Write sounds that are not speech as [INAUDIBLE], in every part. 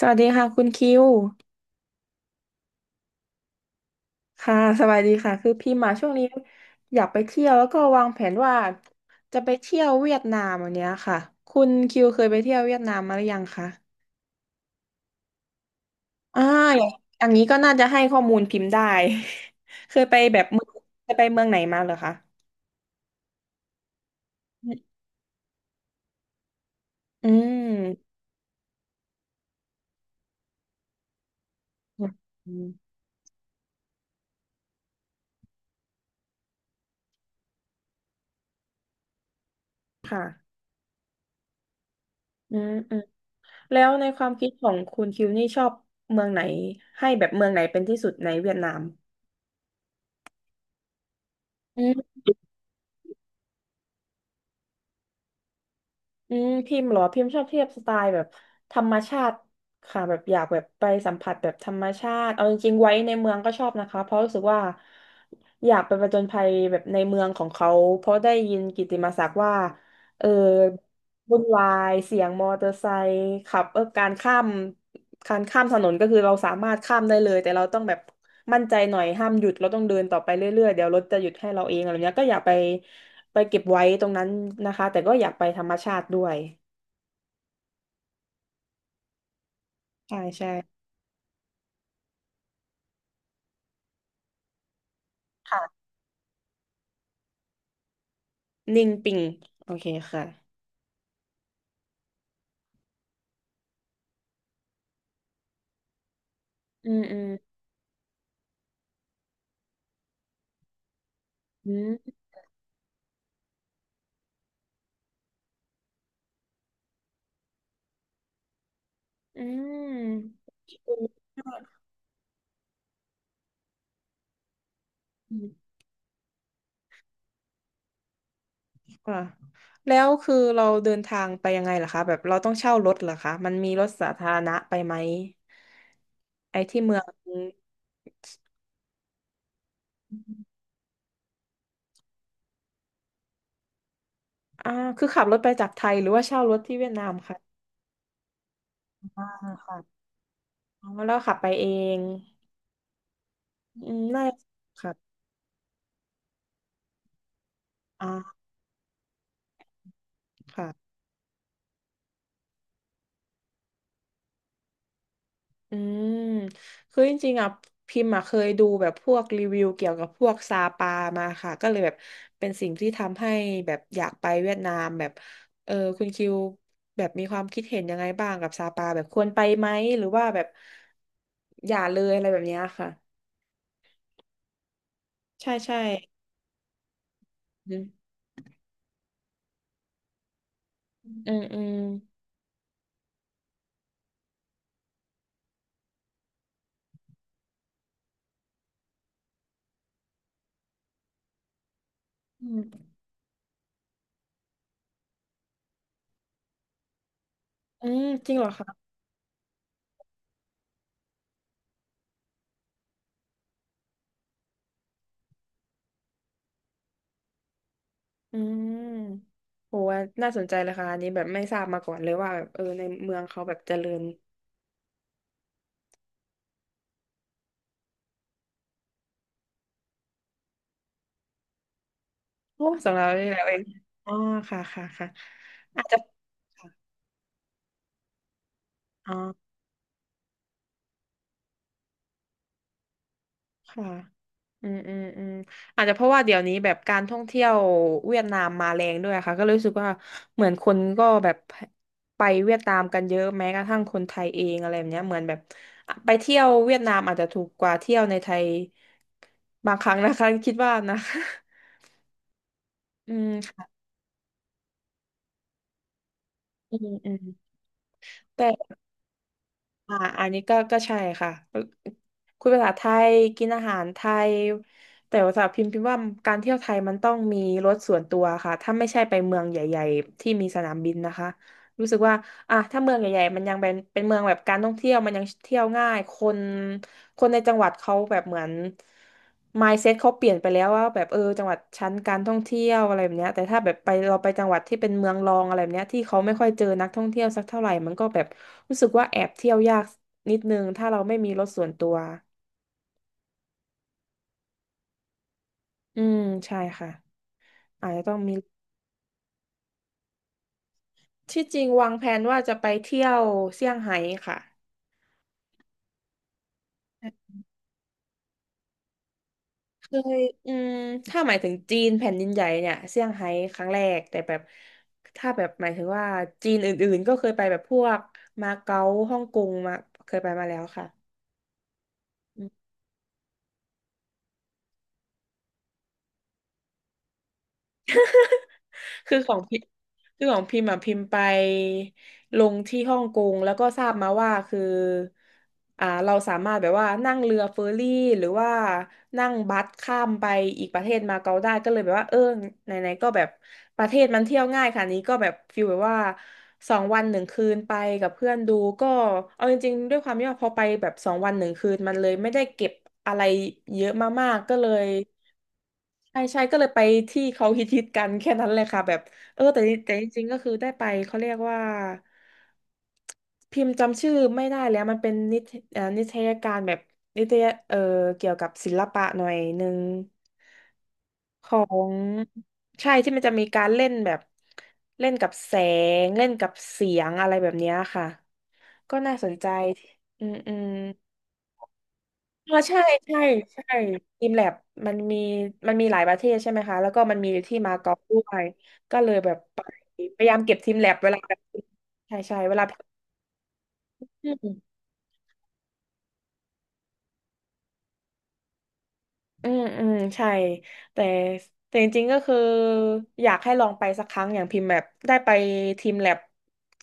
สวัสดีค่ะคุณคิวค่ะสวัสดีค่ะคือพี่มาช่วงนี้อยากไปเที่ยวแล้วก็วางแผนว่าจะไปเที่ยวเวียดนามอันเนี้ยค่ะคุณคิวเคยไปเที่ยวเวียดนามมาหรือยังคะอ่าอย่างอย่างนี้ก็น่าจะให้ข้อมูลพิมพ์ได้ [LAUGHS] เคยไปแบบเมืองเคยไปเมืองไหนมาเหรอคะอืมอืมค่ะอืมอืมแล้วในความคิดของคุณคิวนี่ชอบเมืองไหนให้แบบเมืองไหนเป็นที่สุดในเวียดนาม อืมพิมพ์เหรอพิมพ์ชอบเที่ยวสไตล์แบบธรรมชาติค่ะแบบอยากแบบไปสัมผัสแบบธรรมชาติเอาจริงๆไว้ในเมืองก็ชอบนะคะเพราะรู้สึกว่าอยากไปผจญภัยแบบในเมืองของเขาเพราะได้ยินกิตติมศักดิ์ว่าเออวุ่นวายเสียงมอเตอร์ไซค์ขับเออการข้าม การข้ามถนนก็คือเราสามารถข้ามได้เลยแต่เราต้องแบบมั่นใจหน่อยห้ามหยุดเราต้องเดินต่อไปเรื่อยๆเดี๋ยวรถจะหยุดให้เราเองอะไรเงี้ยก็อย่าไปไปเก็บไว้ตรงนั้นนะคะแต่ก็อยากไปธรรมชาติด้วยใช่ใช่ค่ะนิ่งปิงโอเคค่ะอืมอืมอืมอืมอืมค่ะแล้วคือเราเดินทางไปยังไงล่ะคะแบบเราต้องเช่ารถเหรอคะมันมีรถสาธารณะไปไหมไอ้ที่เมือง อ่าคือขับรถไปจากไทยหรือว่าเช่ารถที่เวียดนามค่ะอ่าค่ะอ๋อแล้วขับไปเองอืมน่าจะครับอ่าค่ะอืมคือจริงๆอ่ะพิมพ์อ่ะเคยดูแบบพวกรีวิวเกี่ยวกับพวกซาปามาค่ะก็เลยแบบเป็นสิ่งที่ทำให้แบบอยากไปเวียดนามแบบเออคุณคิวแบบมีความคิดเห็นยังไงบ้างกับซาปาแบบควรไปไหมหรือว่าแบบอย่าเลยอะไรแบบเนี้ยค่ะใช่ใช่อืมอืมอืมอืมอืมจริงเหรอคะ อืมโหว่าน่าสนใจเลยค่ะอันนี้แบบไม่ทราบมาก่อนเลยว่าแบบเออในเมืองเขาแบบเจริญโอ้สำหรับเรานี่แหละเองอ๋อค่ะค่ะค่ะอาจจะค่ะอ๋อค่ะอืมอืมอืมอาจจะเพราะว่าเดี๋ยวนี้แบบการท่องเที่ยวเวียดนามมาแรงด้วยค่ะก็เลยรู้สึกว่าเหมือนคนก็แบบไปเวียดนามกันเยอะแม้กระทั่งคนไทยเองอะไรแบบเนี้ยเหมือนแบบไปเที่ยวเวียดนามอาจจะถูกกว่าเที่ยวในไทยบางครั้งนะคะคิดว่านะ [LAUGHS] อืม อืมอืมแต่อ่าอันนี้ก็ก็ใช่ค่ะคุยภาษาไทยกินอาหารไทยแต่ว่าสับพิมพ์พิมพ์ว่าการเที่ยวไทยมันต้องมีรถส่วนตัวค่ะถ้าไม่ใช่ไปเมืองใหญ่ๆที่มีสนามบินนะคะรู้สึกว่าอ่ะถ้าเมืองใหญ่ๆมันยังเป็นเมืองแบบการท่องเที่ยวมันยังเที่ยวง่ายคน คนในจังหวัดเขาแบบเหมือน mindset เขาเปลี่ยนไปแล้วว่าแบบเออจังหวัดชั้นการท่องเที่ยวอะไรแบบเนี้ยแต่ถ้าแบบไปเราไปจังหวัดที่เป็นเมืองรองอะไรแบบเนี้ยที่เขาไม่ค่อยเจอนักท่องเที่ยวสักเท่าไหร่มันก็แบบรู้สึกว่าแอบเที่ยวยากนิดนึงถ้าเราไม่มีรถส่วนตัวอืมใช่ค่ะอาจจะต้องมีที่จริงวางแผนว่าจะไปเที่ยวเซี่ยงไฮ้ค่ะ เคยอืมถ้าหมายถึงจีนแผ่นดินใหญ่เนี่ยเซี่ยงไฮ้ครั้งแรกแต่แบบถ้าแบบหมายถึงว่าจีนอื่นๆก็เคยไปแบบพวกมาเก๊าฮ่องกงมาเคยไปมาแล้วค่ะ คือของพิคือของพิมพ์อ่ะพิมพ์ไปลงที่ฮ่องกงแล้วก็ทราบมาว่าคืออ่าเราสามารถแบบว่านั่งเรือเฟอร์รี่หรือว่านั่งบัสข้ามไปอีกประเทศมาเก๊าได้ก็เลยแบบว่าเออไหนๆก็แบบประเทศมันเที่ยวง่ายค่ะนี้ก็แบบฟีลแบบว่าสองวันหนึ่งคืนไปกับเพื่อนดูก็เอาจริงๆด้วยความที่ว่าพอไปแบบสองวันหนึ่งคืนมันเลยไม่ได้เก็บอะไรเยอะมากๆก็เลย ใช่ใช่ก็เลยไปที่เขาฮิตฮิตกันแค่นั้นเลยค่ะแบบเออแต่แต่จริงๆก็คือได้ไปเขาเรียกว่าพิมพ์จำชื่อไม่ได้แล้วมันเป็นนิทเอ่อนิทรรศการแบบนิตยเอ่อเกี่ยวกับศิลปะหน่อยหนึ่งของใช่ที่มันจะมีการเล่นแบบเล่นกับแสงเล่นกับเสียงอะไรแบบเนี้ยค่ะก็น่าสนใจอืมอืม อ๋อใช่ใช่ใช่ทีมแลบมันมีมันมีหลายประเทศใช่ไหมคะแล้วก็มันมีที่มาเก๊าด้วยก็เลยแบบไปพยายามเก็บทีมแลบเวลาแบบใช่ใช่เวลาอืม อืมอืมใช่แต่แต่จริงๆก็คืออยากให้ลองไปสักครั้งอย่างพิมพ์แบบได้ไปทีมแลบ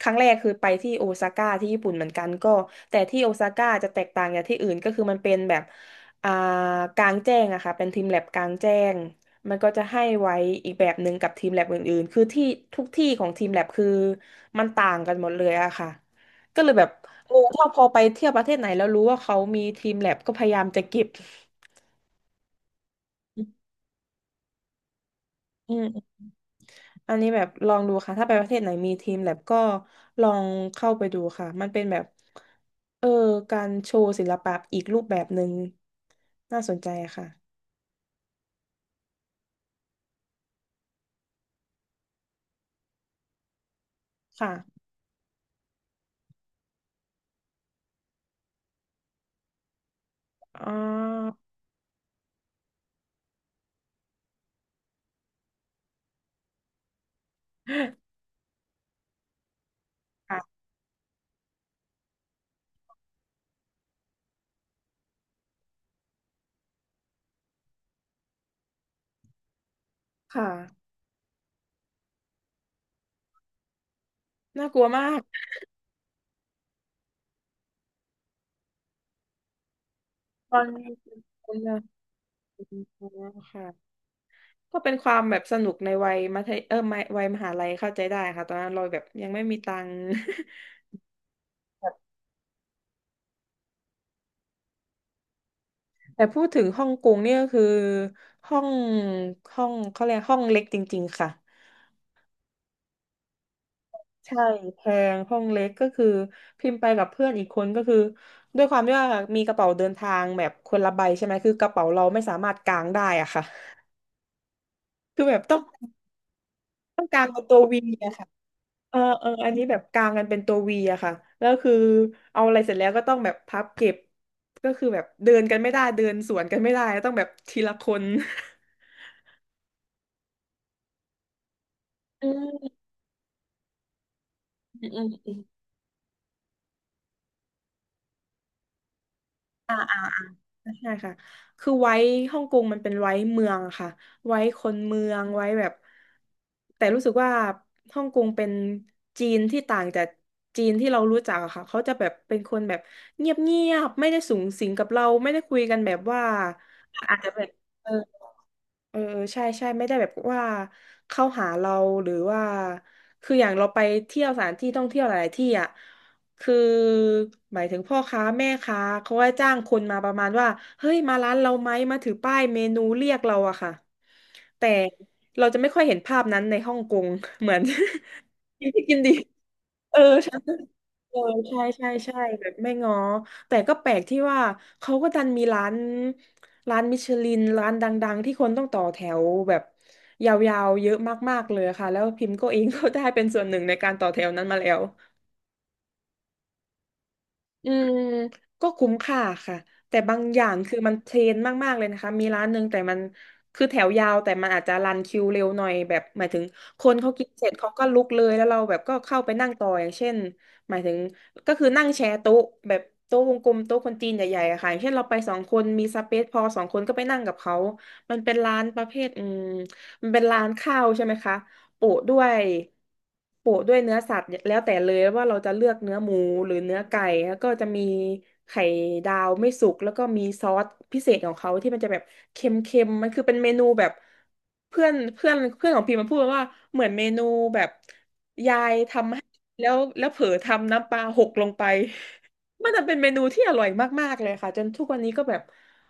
ครั้งแรกคือไปที่โอซาก้าที่ญี่ปุ่นเหมือนกันก็แต่ที่โอซาก้าจะแตกต่างจากที่อื่นก็คือมันเป็นแบบอ่ากลางแจ้งอะค่ะเป็นทีมแลบกลางแจ้งมันก็จะให้ไว้อีกแบบหนึ่งกับทีมแลบอื่นๆคือที่ทุกที่ของทีมแลบคือมันต่างกันหมดเลยอะค่ะก็เลยแบบเอถ้าพอไปเที่ยวประเทศไหนแล้วรู้ว่าเขามีทีมแลบก็พยายามจะเก็บ [LAUGHS] อืม อันนี้แบบลองดูค่ะถ้าไปประเทศไหนมีทีมแลบก็ลองเข้าไปดูค่ะมันเป็นแบบเออการโชว์ศิลปะอีกรูปแบบหนึ่งน่าสนใจค่ะค่ะอ๋อค่ะค่ะน่ากลัวมากตอนนี้เป็นคนน่ากลัวค่ะก็เป็นความแบบสนุกในวัยมัธยไม่วัยมหาลัยเข้าใจได้ค่ะตอนนั้นเราแบบยังไม่มีตังค์ [LAUGHS] แต่พูดถึงฮ่องกงเนี่ยก็คือห้องห้องเขาเรียกห้องเล็กจริงๆค่ะ ใช่แพงห้องเล็กก็คือพิมพ์ไปกับเพื่อนอีกคนก็คือด้วยความที่ว่ามีกระเป๋าเดินทางแบบคนละใบใช่ไหมคือกระเป๋าเราไม่สามารถกางได้อะค่ะคือแบบต้องกางเป็นตัววีอะค่ะอันนี้แบบกางกันเป็นตัววีอะค่ะแล้วคือเอาอะไรเสร็จแล้วก็ต้องแบบพับเก็บก็คือแบบเดินกันไม่ได้เดินสวนกันไม่ได้ต้องแบบทีละคนอืมอืมอืม ใช่ค่ะคือไว้ฮ่องกงมันเป็นไว้เมืองอะค่ะ ไว้คนเมืองไว้แบบแต่รู้สึกว่าฮ่องกงเป็นจีนที่ต่างจากจีนที่เรารู้จักอะค่ะเขาจะแบบเป็นคนแบบเงียบเงียบไม่ได้สูงสิงกับเราไม่ได้คุยกันแบบว่าอาจจะแบบเออ เออใช่ใช่ไม่ได้แบบว่าเข้าหาเราหรือว่าคืออย่างเราไปเที่ยวสถานที่ท่องเที่ยวหลายๆที่อ่ะคือหมายถึงพ่อค้าแม่ค้าเขาก็จ้างคนมาประมาณว่าเฮ้ยมาร้านเราไหมมาถือป้ายเมนูเรียกเราอะค่ะแต่เราจะไม่ค่อยเห็นภาพนั้นในฮ่องกง [LAUGHS] เหมือน [LAUGHS] กินที่กินดีเออใช่ เออใช่ใช่ใช่แบบไม่ง้อแต่ก็แปลกที่ว่าเขาก็ดันมีร้านมิชลินร้านดังๆที่คนต้องต่อแถวแบบยาวๆเยอะมากๆเลยค่ะแล้วพิมพ์ก็เอง [LAUGHS] ก็ได้เป็นส่วนหนึ่งในการต่อแถวนั้นมาแล้ว อืมก็คุ้มค่าค่ะแต่บางอย่างคือมันเทรนมากๆเลยนะคะมีร้านหนึ่งแต่มันคือแถวยาวแต่มันอาจจะรันคิวเร็วหน่อยแบบหมายถึงคนเขากินเสร็จเขาก็ลุกเลยแล้วเราแบบก็เข้าไปนั่งต่ออย่างเช่นหมายถึงก็คือนั่งแชร์โต๊ะแบบโต๊ะวงกลมโต๊ะคนจีนใหญ่ๆอะค่ะอย่างเช่นเราไปสองคนมีสเปซพอสองคนก็ไปนั่งกับเขามันเป็นร้านประเภทมันเป็นร้านข้าวใช่ไหมคะ โปะด้วยเนื้อสัตว์แล้วแต่เลยว่าเราจะเลือกเนื้อหมูหรือเนื้อไก่แล้วก็จะมีไข่ดาวไม่สุกแล้วก็มีซอสพิเศษของเขาที่มันจะแบบเค็มๆมันคือเป็นเมนูแบบเพื่อนเพื่อนเพื่อนของพี่มันพูดว่าเหมือนเมนูแบบยายทำให้แล้วเผลอทำน้ำปลาหกลงไปมันจะเป็นเมนูที่อร่อยมากๆเลยค่ะจนทุกวันนี้ก็แบบ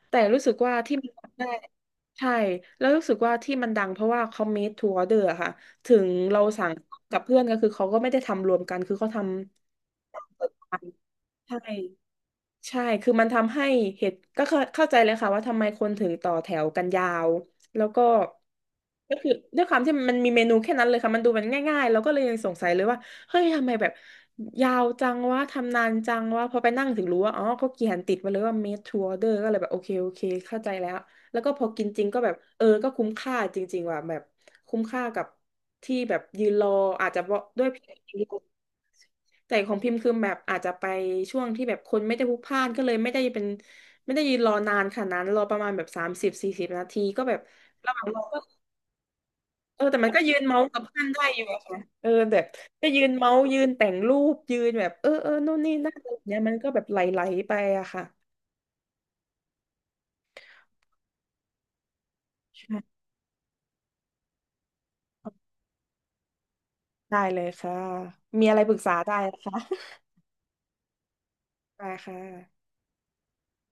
แต่รู้สึกว่าที่มันทำได้ใช่แล้วรู้สึกว่าที่มันดังเพราะว่าเขา made to order อะค่ะ ถึงเราสั่งกับเพื่อนก็คือเขาก็ไม่ได้ทำรวมกันคือเขาทำใช่ ใช่คือมันทำให้เหตุก็เข้าใจเลยค่ะว่าทำไมคนถึงต่อแถวกันยาว แล้วก็ก็คือด้วยความที่มันมีเมนูแค่นั้นเลยค่ะมันดูมันง่ายๆแล้วก็เลยยังสงสัยเลยว่าเฮ้ยทำไมแบบยาวจังวะทำนานจังวะพอไปนั่งถึงรู้ว่าอ๋อก็เขียนติดไว้เลยว่า made to order ก็เลยแบบโอเคโอเคเข้าใจแล้วแล้วก็พอกินจริงก็แบบเออก็คุ้มค่าจริงๆว่ะแบบคุ้มค่ากับที่แบบยืนรออาจจะเพราะด้วย แต่ของพิมพ์คือแบบอาจจะไปช่วงที่แบบคนไม่ได้พลุกพล่านก็เลยไม่ได้ยืนรอนานขนาดนั้นรอประมาณแบบสามสิบสี่สิบนาทีก็แบบระหว่างรอก็เออแต่มันก็ยืนเมาส์กับเพื่อนได้อยู่อะค่ะเออแบบก็ยืนเมาส์ยืนแต่งรูปยืนแบบเออเออนู่นนี่นั่นอะไรอย่างเงี้ยมันก็แบบไหลๆไปอะค่ะใช่ได้เลยค่ะมีอะไรปรึกษาได้นะคะได้ค่ะ